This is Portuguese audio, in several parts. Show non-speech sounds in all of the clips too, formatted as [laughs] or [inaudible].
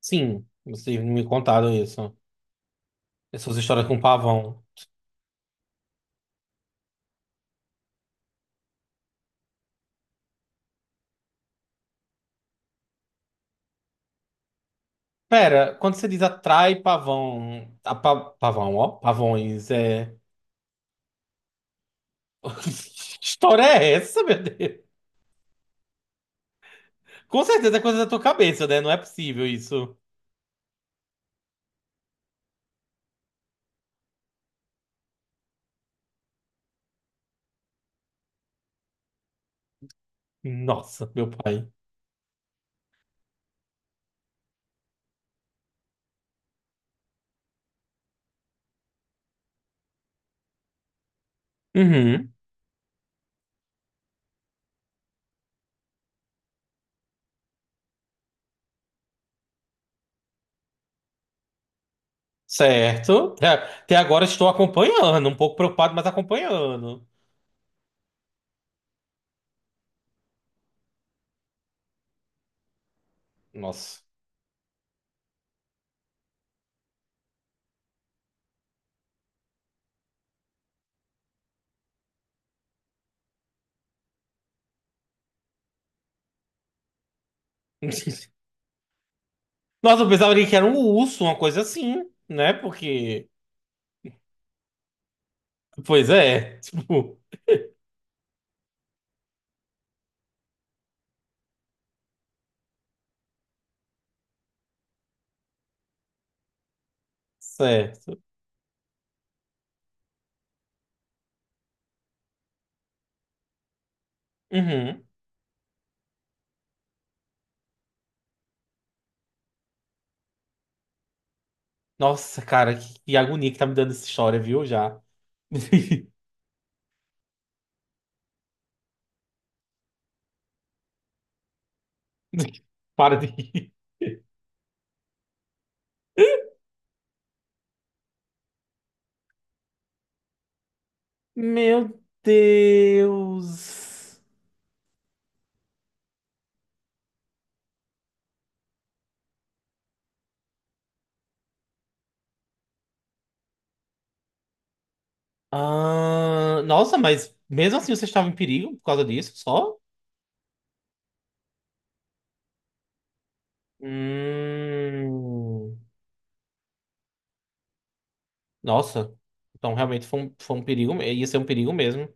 Sim, vocês me contaram isso. Essas histórias com pavão. Pera, quando você diz atrai pavão. A pavão, ó. Pavões, é. [laughs] Que história é essa, meu Deus? Com certeza é coisa da tua cabeça, né? Não é possível isso. Nossa, meu pai. Uhum. Certo. Até agora estou acompanhando. Um pouco preocupado, mas acompanhando. Nossa. [laughs] Nossa, eu pensava que era um urso, uma coisa assim, né? Porque. Pois é. [laughs] Tipo, certo. Uhum. Nossa, cara, que agonia que tá me dando essa história, viu? Já. [laughs] Para de rir. Meu Deus. Ah, nossa, mas mesmo assim você estava em perigo por causa disso, só? Hum, nossa, então realmente foi foi um perigo, ia ser um perigo mesmo.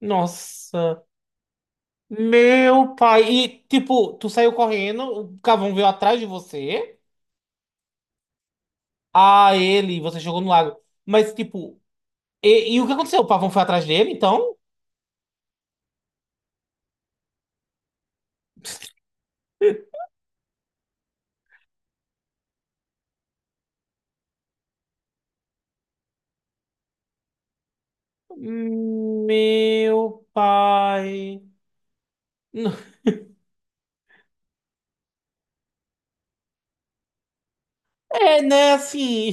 Nossa, meu pai. E tipo, tu saiu correndo, o cavão veio atrás de você, a ele, você jogou no lago. Mas tipo, e o que aconteceu? O pavão foi atrás dele, então? Meu pai. É, né? Assim,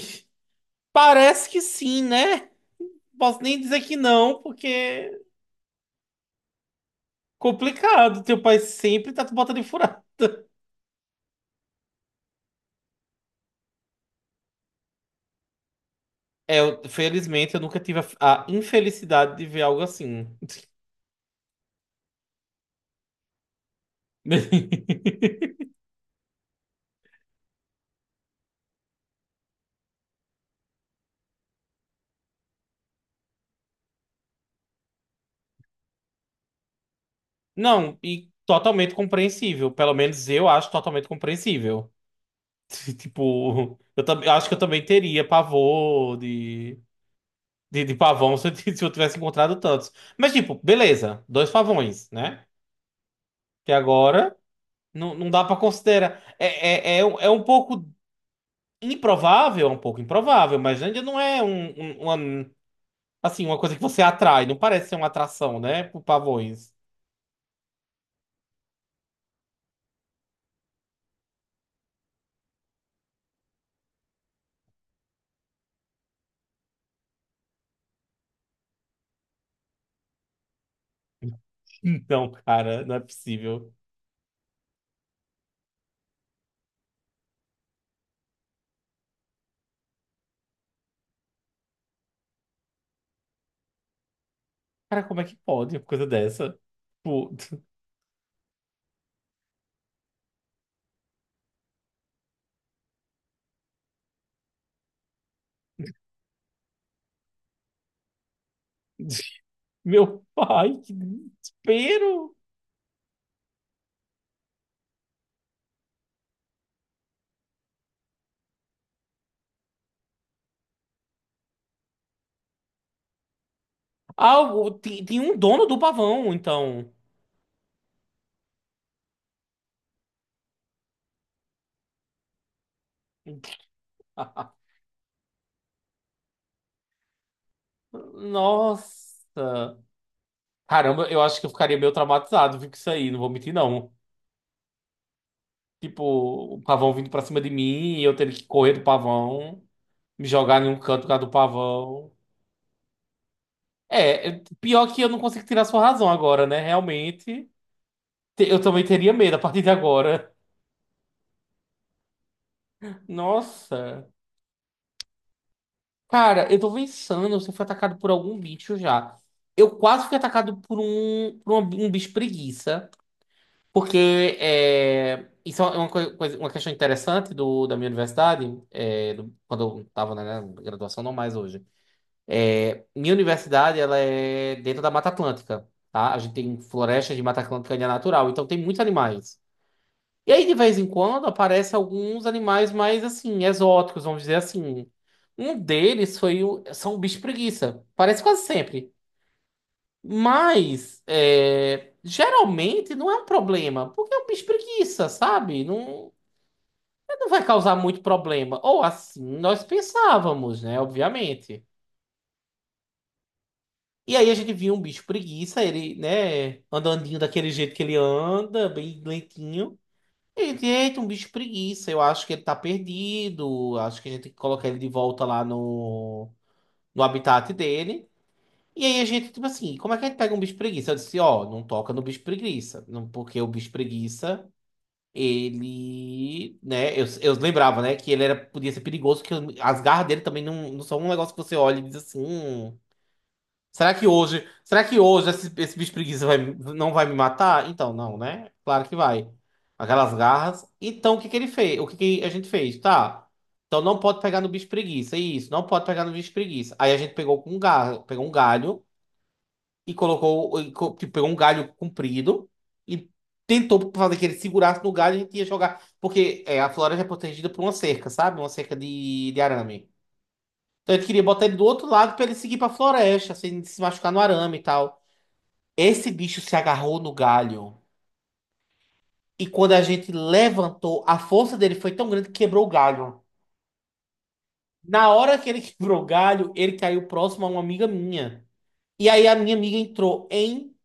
parece que sim, né? Posso nem dizer que não, porque é complicado. Teu pai sempre tá te botando em furado. É, felizmente eu nunca tive a infelicidade de ver algo assim. [laughs] Não, e totalmente compreensível. Pelo menos eu acho totalmente compreensível. [laughs] Tipo, eu acho que eu também teria pavor de. De pavão, [laughs] se eu t- [laughs] se eu tivesse encontrado tantos. Mas, tipo, beleza, dois pavões, né? Que agora não dá pra considerar. É, um é um pouco improvável, é um pouco improvável, mas ainda não é uma, assim, uma coisa que você atrai. Não parece ser uma atração, né? Por pavões. Então, cara, não é possível. Cara, como é que pode uma coisa dessa? Pô, [laughs] meu pai, que desespero! Ah, tem, tem um dono do pavão, então. [laughs] Nossa! Caramba, eu acho que eu ficaria meio traumatizado, viu, com isso aí, não vou mentir, não. Tipo, o pavão vindo pra cima de mim e eu ter que correr do pavão, me jogar em um canto por causa do pavão. É, pior que eu não consigo tirar sua razão agora, né? Realmente, eu também teria medo a partir de agora. [laughs] Nossa! Cara, eu tô pensando se eu fui atacado por algum bicho já. Eu quase fui atacado por um, um bicho preguiça. Porque é, isso é uma, coisa, uma questão interessante do, da minha universidade, é, quando eu estava na graduação, não mais hoje. Minha universidade, ela é dentro da Mata Atlântica, tá? A gente tem florestas de Mata Atlântica e é natural, então tem muitos animais. E aí, de vez em quando, aparecem alguns animais mais, assim, exóticos, vamos dizer assim. Um deles foi o, são o bicho preguiça. Parece quase sempre. Mas é, geralmente não é um problema, porque é um bicho preguiça, sabe? Não, não vai causar muito problema. Ou assim nós pensávamos, né? Obviamente. E aí a gente viu um bicho preguiça, ele, né, andandinho daquele jeito que ele anda, bem lentinho. E a gente, eita, um bicho preguiça, eu acho que ele tá perdido, acho que a gente tem que colocar ele de volta lá no, no habitat dele. E aí a gente, tipo assim, como é que a gente pega um bicho preguiça? Eu disse, ó, não toca no bicho preguiça, não, porque o bicho preguiça ele, né, eu lembrava, né, que ele era, podia ser perigoso, que as garras dele também não são um negócio que você olha e diz assim, será que hoje esse, esse bicho preguiça vai, não vai me matar? Então, não, né? Claro que vai. Aquelas garras. Então, o que que ele fez? O que que a gente fez? Tá. Então, não pode pegar no bicho preguiça, isso, não pode pegar no bicho preguiça. Aí a gente pegou com um garra, pegou um galho e colocou, tipo, pegou um galho comprido e tentou fazer que ele segurasse no galho e a gente ia jogar. Porque é, a floresta é protegida por uma cerca, sabe? Uma cerca de arame. Então a gente queria botar ele do outro lado pra ele seguir pra floresta, sem se machucar no arame e tal. Esse bicho se agarrou no galho. E quando a gente levantou, a força dele foi tão grande que quebrou o galho. Na hora que ele [laughs] quebrou o galho, ele caiu próximo a uma amiga minha. E aí a minha amiga entrou em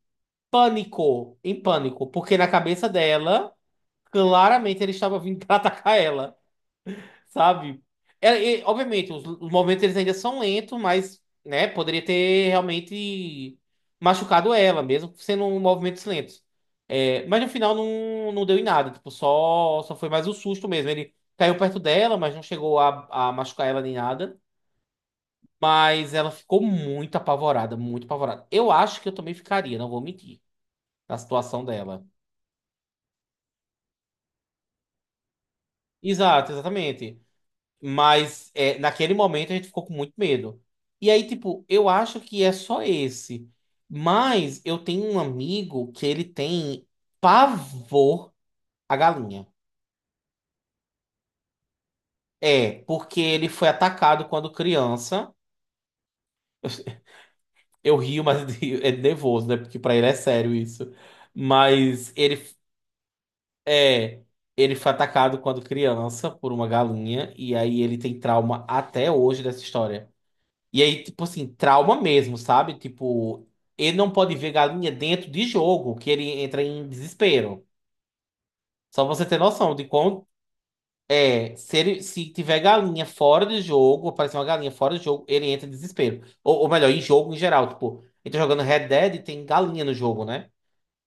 pânico, em pânico, porque na cabeça dela claramente ele estava vindo para atacar ela, sabe? Obviamente, os movimentos eles ainda são lentos, mas, né, poderia ter realmente machucado ela, mesmo sendo um movimentos lentos. É, mas no final não, não deu em nada, tipo, só, só foi mais um susto mesmo. Ele caiu perto dela, mas não chegou a machucar ela nem nada. Mas ela ficou muito apavorada, muito apavorada. Eu acho que eu também ficaria, não vou mentir, na situação dela. Exato, exatamente. Mas é, naquele momento a gente ficou com muito medo. E aí, tipo, eu acho que é só esse. Mas eu tenho um amigo que ele tem pavor à galinha. É, porque ele foi atacado quando criança. Eu rio, mas [laughs] é de nervoso, né? Porque pra ele é sério isso. Mas ele é, ele foi atacado quando criança por uma galinha e aí ele tem trauma até hoje dessa história. E aí, tipo assim, trauma mesmo, sabe? Tipo, ele não pode ver galinha dentro de jogo, que ele entra em desespero. Só pra você ter noção de quão é, se ele, se tiver galinha fora de jogo, aparecer uma galinha fora de jogo, ele entra em desespero. Ou melhor, em jogo em geral, tipo, ele tá jogando Red Dead e tem galinha no jogo, né?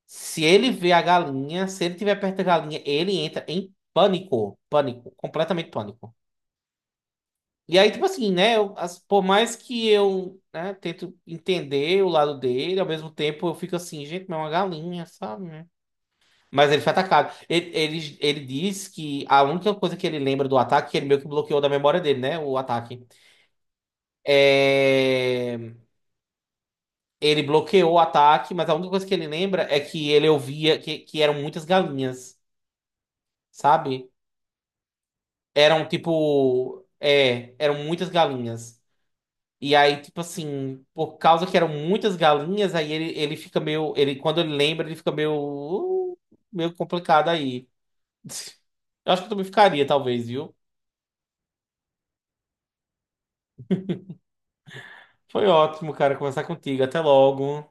Se ele vê a galinha, se ele tiver perto da galinha, ele entra em pânico, pânico, completamente pânico. E aí, tipo assim, né? Por mais que eu, né, tento entender o lado dele, ao mesmo tempo eu fico assim, gente, mas é uma galinha, sabe? Né? Mas ele foi atacado. Ele diz que a única coisa que ele lembra do ataque, que ele meio que bloqueou da memória dele, né? O ataque. É... Ele bloqueou o ataque, mas a única coisa que ele lembra é que ele ouvia que eram muitas galinhas, sabe? Eram tipo. É, eram muitas galinhas. E aí, tipo assim, por causa que eram muitas galinhas, aí ele fica meio. Ele, quando ele lembra, ele fica meio. Meio complicado aí. [laughs] Eu acho que eu também ficaria, talvez, viu? Foi ótimo, cara, conversar contigo. Até logo.